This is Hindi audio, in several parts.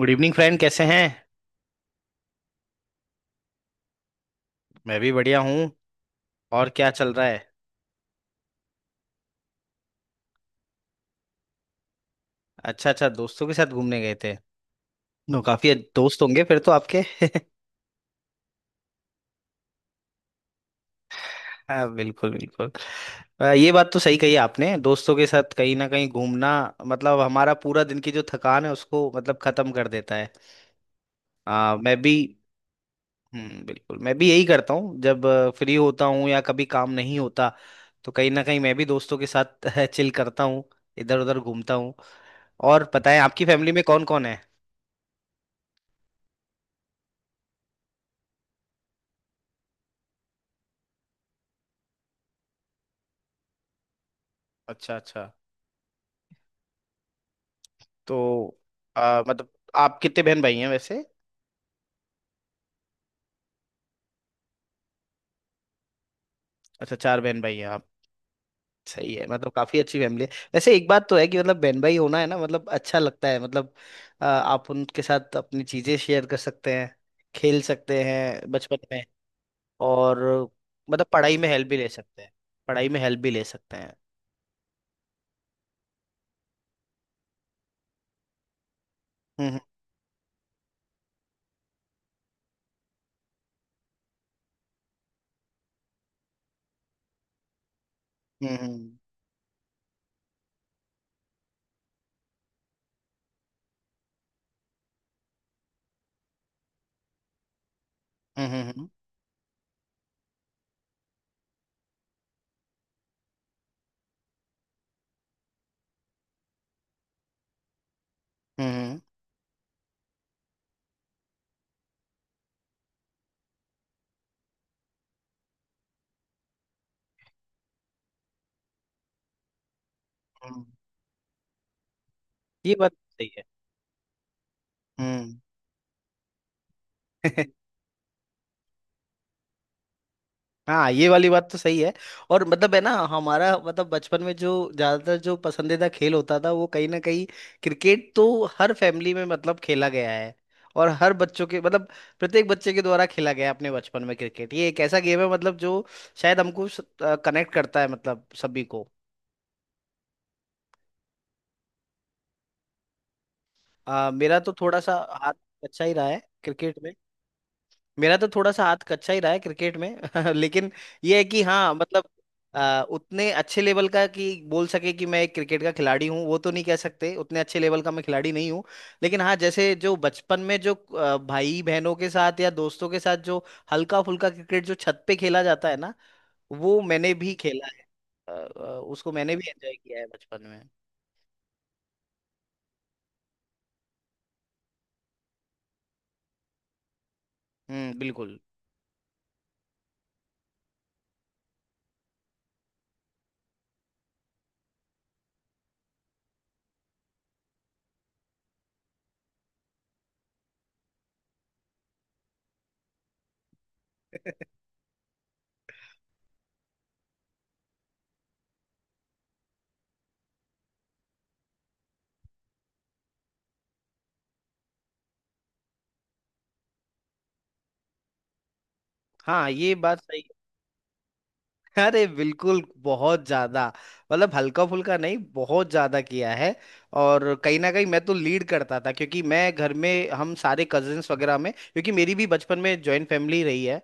गुड इवनिंग फ्रेंड, कैसे हैं? मैं भी बढ़िया हूँ। और क्या चल रहा है? अच्छा अच्छा, दोस्तों के साथ घूमने गए थे। नो, काफी दोस्त होंगे फिर तो आपके। हाँ, बिल्कुल बिल्कुल। ये बात तो सही कही आपने, दोस्तों के साथ कहीं ना कहीं घूमना मतलब हमारा पूरा दिन की जो थकान है उसको मतलब खत्म कर देता है। मैं भी। बिल्कुल, मैं भी यही करता हूँ जब फ्री होता हूँ या कभी काम नहीं होता, तो कहीं ना कहीं मैं भी दोस्तों के साथ चिल करता हूँ। इधर उधर घूमता हूँ। और पता है आपकी फैमिली में कौन कौन है? अच्छा अच्छा। तो मतलब, आप कितने बहन भाई हैं वैसे? अच्छा, चार बहन भाई हैं आप। सही है, मतलब काफी अच्छी फैमिली है। वैसे एक बात तो है कि मतलब बहन भाई होना है ना, मतलब अच्छा लगता है मतलब आप उनके साथ अपनी चीजें शेयर कर सकते हैं, खेल सकते हैं बचपन में। और मतलब पढ़ाई में हेल्प भी ले सकते हैं, पढ़ाई में हेल्प भी ले सकते हैं। हम्म, हम्म, हम्म, हम्म, हम्म, हम्म, हम्म, हम्म, हम्म। ये बात सही है। हम्म। हाँ, ये वाली बात तो सही है। और मतलब है ना हमारा, मतलब बचपन में जो ज्यादातर जो पसंदीदा खेल होता था वो कहीं ना कहीं क्रिकेट, तो हर फैमिली में मतलब खेला गया है, और हर बच्चों के मतलब प्रत्येक बच्चे के द्वारा खेला गया है अपने बचपन में। क्रिकेट ये एक ऐसा गेम है मतलब जो शायद हमको कनेक्ट करता है मतलब सभी को। मेरा तो थोड़ा सा हाथ अच्छा ही रहा है क्रिकेट में, मेरा तो थोड़ा सा हाथ कच्चा ही रहा है क्रिकेट में। लेकिन ये है कि हाँ, मतलब उतने अच्छे लेवल का कि बोल सके कि मैं एक क्रिकेट का खिलाड़ी हूँ वो तो नहीं कह सकते, उतने अच्छे लेवल का मैं खिलाड़ी नहीं हूँ। लेकिन हाँ, जैसे जो बचपन में जो भाई बहनों के साथ या दोस्तों के साथ जो हल्का फुल्का क्रिकेट जो छत पे खेला जाता है ना, वो मैंने भी खेला है। आ, आ, उसको मैंने भी एंजॉय किया है बचपन में। हम्म, बिल्कुल। हाँ, ये बात सही। अरे बिल्कुल, बहुत ज्यादा, मतलब हल्का फुल्का नहीं, बहुत ज्यादा किया है। और कहीं ना कहीं मैं तो लीड करता था, क्योंकि मैं घर में हम सारे कजिन्स वगैरह में, क्योंकि मेरी भी बचपन में जॉइंट फैमिली रही है।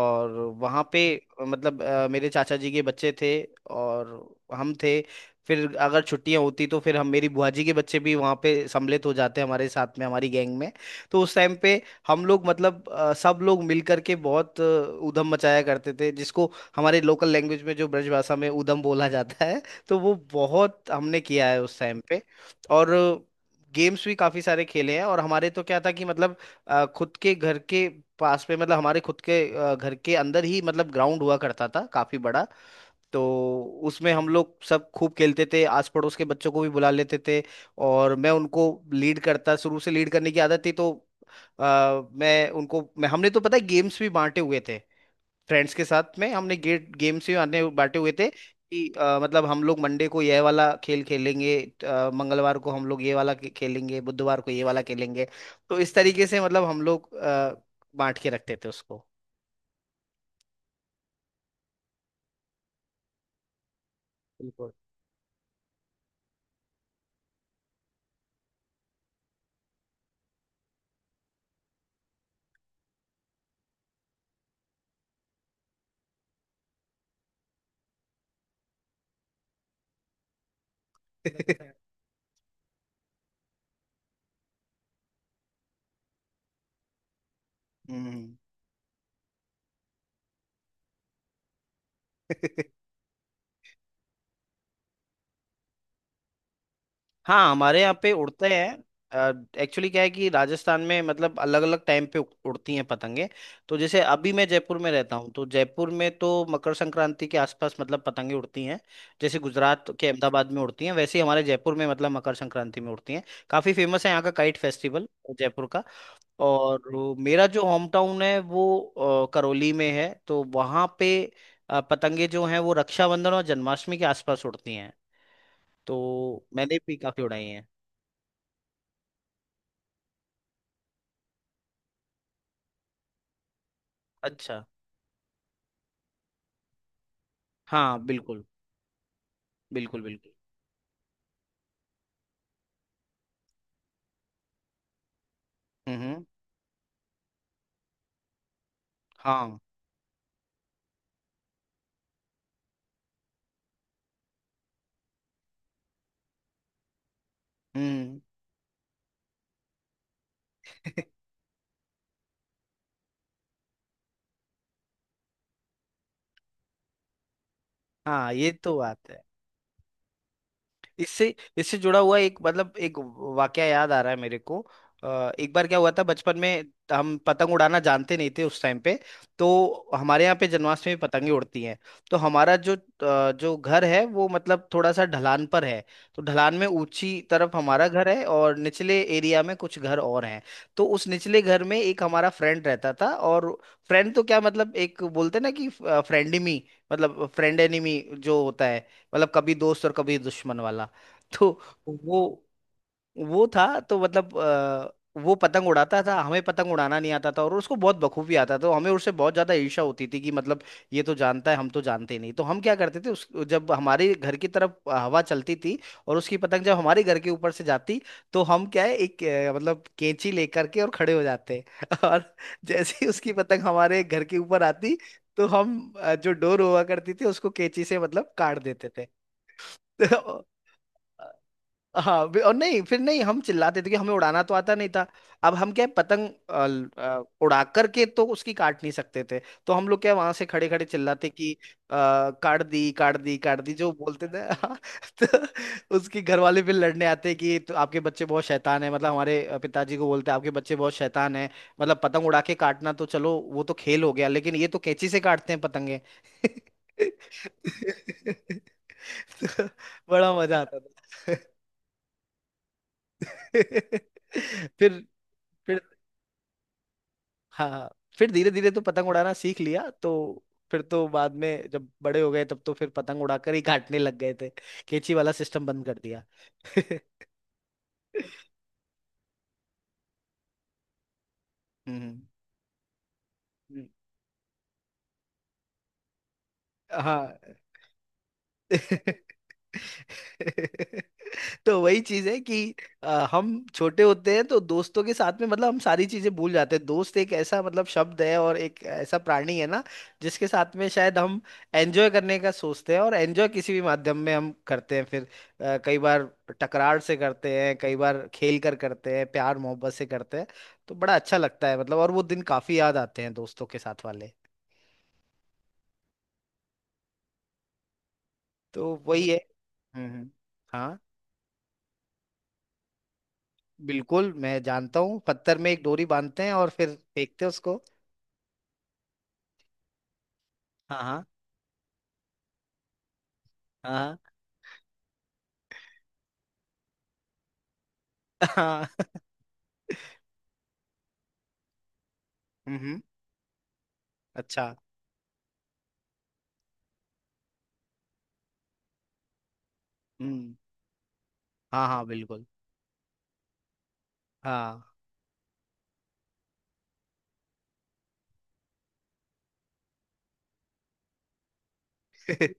और वहाँ पे मतलब मेरे चाचा जी के बच्चे थे, और हम थे। फिर अगर छुट्टियां होती तो फिर हम, मेरी बुआ जी के बच्चे भी वहाँ पे सम्मिलित हो जाते हमारे साथ में, हमारी गैंग में। तो उस टाइम पे हम लोग, मतलब सब लोग मिल करके बहुत ऊधम मचाया करते थे, जिसको हमारे लोकल लैंग्वेज में जो ब्रजभाषा में ऊधम बोला जाता है। तो वो बहुत हमने किया है उस टाइम पे। और गेम्स भी काफी सारे खेले हैं, और हमारे तो क्या था कि मतलब खुद के घर के पास में, मतलब हमारे खुद के घर के अंदर ही मतलब ग्राउंड हुआ करता था काफी बड़ा। तो उसमें हम लोग सब खूब खेलते थे, आस पड़ोस के बच्चों को भी बुला लेते थे। और मैं उनको लीड करता, शुरू से लीड करने की आदत थी, तो अ, मैं उनको, मैं हमने तो पता है गेम्स भी बांटे हुए थे, फ्रेंड्स के साथ में हमने गेट गेम से आने बांटे हुए थे। कि मतलब हम लोग मंडे को यह वाला खेल खेलेंगे, मंगलवार को हम लोग ये वाला खेलेंगे, बुधवार को ये वाला खेलेंगे। तो इस तरीके से मतलब हम लोग बांट के रखते थे उसको। बिल्कुल। हम्म। हाँ, हमारे यहाँ पे उड़ते हैं। एक्चुअली क्या है कि राजस्थान में मतलब अलग अलग टाइम पे उड़ती हैं पतंगे। तो जैसे अभी मैं जयपुर में रहता हूँ, तो जयपुर में तो मकर संक्रांति के आसपास मतलब पतंगे उड़ती हैं। जैसे गुजरात के अहमदाबाद में उड़ती हैं, वैसे ही हमारे जयपुर में मतलब मकर संक्रांति में उड़ती हैं। काफ़ी फेमस है यहाँ का काइट फेस्टिवल, जयपुर का। और वो मेरा जो होम टाउन है वो करौली में है, तो वहाँ पे पतंगे जो हैं वो रक्षाबंधन और जन्माष्टमी के आसपास उड़ती हैं। तो मैंने भी काफ़ी उड़ाई हैं। अच्छा। हाँ, बिल्कुल बिल्कुल बिल्कुल। हम्म। हाँ। हम्म। हाँ, ये तो बात है। इससे इससे जुड़ा हुआ एक, मतलब एक वाकया याद आ रहा है मेरे को। एक बार क्या हुआ था बचपन में, हम पतंग उड़ाना जानते नहीं थे उस टाइम पे। तो हमारे यहाँ पे जन्माष्टमी में पतंगे उड़ती हैं। तो हमारा जो जो घर है वो मतलब थोड़ा सा ढलान पर है। तो ढलान में ऊंची तरफ हमारा घर है, और निचले एरिया में कुछ घर और हैं। तो उस निचले घर में एक हमारा फ्रेंड रहता था, और फ्रेंड तो क्या, मतलब एक बोलते ना कि फ्रेंडमी, मतलब फ्रेंड एनिमी जो होता है, मतलब कभी दोस्त और कभी दुश्मन वाला। तो वो वो था तो मतलब वो पतंग उड़ाता था, हमें पतंग उड़ाना नहीं आता था, और उसको बहुत बखूबी आता था, तो हमें उससे बहुत ज्यादा ईर्ष्या होती थी कि मतलब, ये तो जानता है हम तो जानते नहीं, तो हम क्या करते थे उस, जब हमारे घर की तरफ हवा चलती थी और उसकी पतंग जब हमारे घर के ऊपर से जाती, तो हम क्या है, एक मतलब कैंची लेकर के और खड़े हो जाते और जैसे ही उसकी पतंग हमारे घर के ऊपर आती, तो हम जो डोर हुआ करती थी उसको कैंची से मतलब काट देते थे। हाँ, और नहीं, फिर नहीं, हम चिल्लाते थे कि हमें उड़ाना तो आता नहीं था, अब हम क्या है, पतंग उड़ा करके तो उसकी काट नहीं सकते थे। तो हम लोग क्या, वहां से खड़े खड़े चिल्लाते कि अ, काट दी, काट दी, काट दी, जो बोलते थे, हाँ। तो उसके घर वाले फिर लड़ने आते कि, तो आपके बच्चे बहुत शैतान है, मतलब हमारे पिताजी को बोलते, आपके बच्चे बहुत शैतान है, मतलब पतंग उड़ा के काटना तो चलो वो तो खेल हो गया, लेकिन ये तो कैंची से काटते हैं पतंगे। तो बड़ा मजा आता था। फिर फिर हाँ, फिर धीरे धीरे तो पतंग उड़ाना सीख लिया, तो फिर तो बाद में जब बड़े हो गए तब तो फिर पतंग उड़ाकर ही काटने लग गए थे, कैंची वाला सिस्टम बंद कर दिया। हम्म, हम्म, हाँ। तो वही चीज है कि हम छोटे होते हैं तो दोस्तों के साथ में मतलब हम सारी चीजें भूल जाते हैं। दोस्त एक ऐसा मतलब शब्द है और एक ऐसा प्राणी है ना, जिसके साथ में शायद हम एंजॉय करने का सोचते हैं, और एंजॉय किसी भी माध्यम में हम करते हैं फिर कई बार टकरार से करते हैं, कई बार खेल कर करते हैं, प्यार मोहब्बत से करते हैं। तो बड़ा अच्छा लगता है मतलब, और वो दिन काफी याद आते हैं दोस्तों के साथ वाले। तो वही है। हम्म, हाँ, बिल्कुल मैं जानता हूँ, पत्थर में एक डोरी बांधते हैं और फिर फेंकते हैं उसको। हाँ, हाँ, हाँ, हाँ। हम्म। अच्छा। हम्म। हाँ, हाँ, बिल्कुल। हाँ।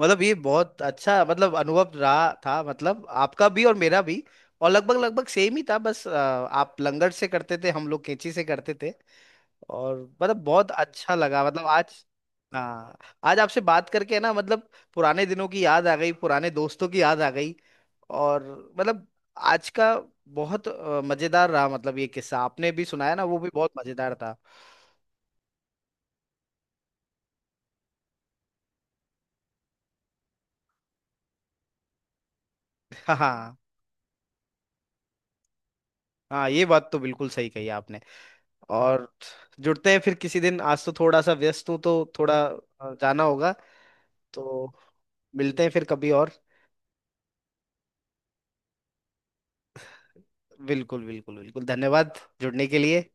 मतलब ये बहुत अच्छा मतलब अनुभव रहा था, मतलब आपका भी और मेरा भी, और लगभग लगभग सेम ही था, बस आप लंगड़ से करते थे, हम लोग कैंची से करते थे। और मतलब बहुत अच्छा लगा मतलब आज। हाँ, आज आपसे बात करके है ना, मतलब पुराने दिनों की याद आ गई, पुराने दोस्तों की याद आ गई, और मतलब आज का बहुत मजेदार रहा, मतलब ये किस्सा आपने भी सुनाया ना, वो भी बहुत मजेदार था। हाँ, हाँ। हाँ, ये बात तो बिल्कुल सही कही आपने। और जुड़ते हैं फिर किसी दिन, आज तो थोड़ा सा व्यस्त हूँ तो थोड़ा जाना होगा, तो मिलते हैं फिर कभी और। बिल्कुल बिल्कुल बिल्कुल, धन्यवाद जुड़ने के लिए।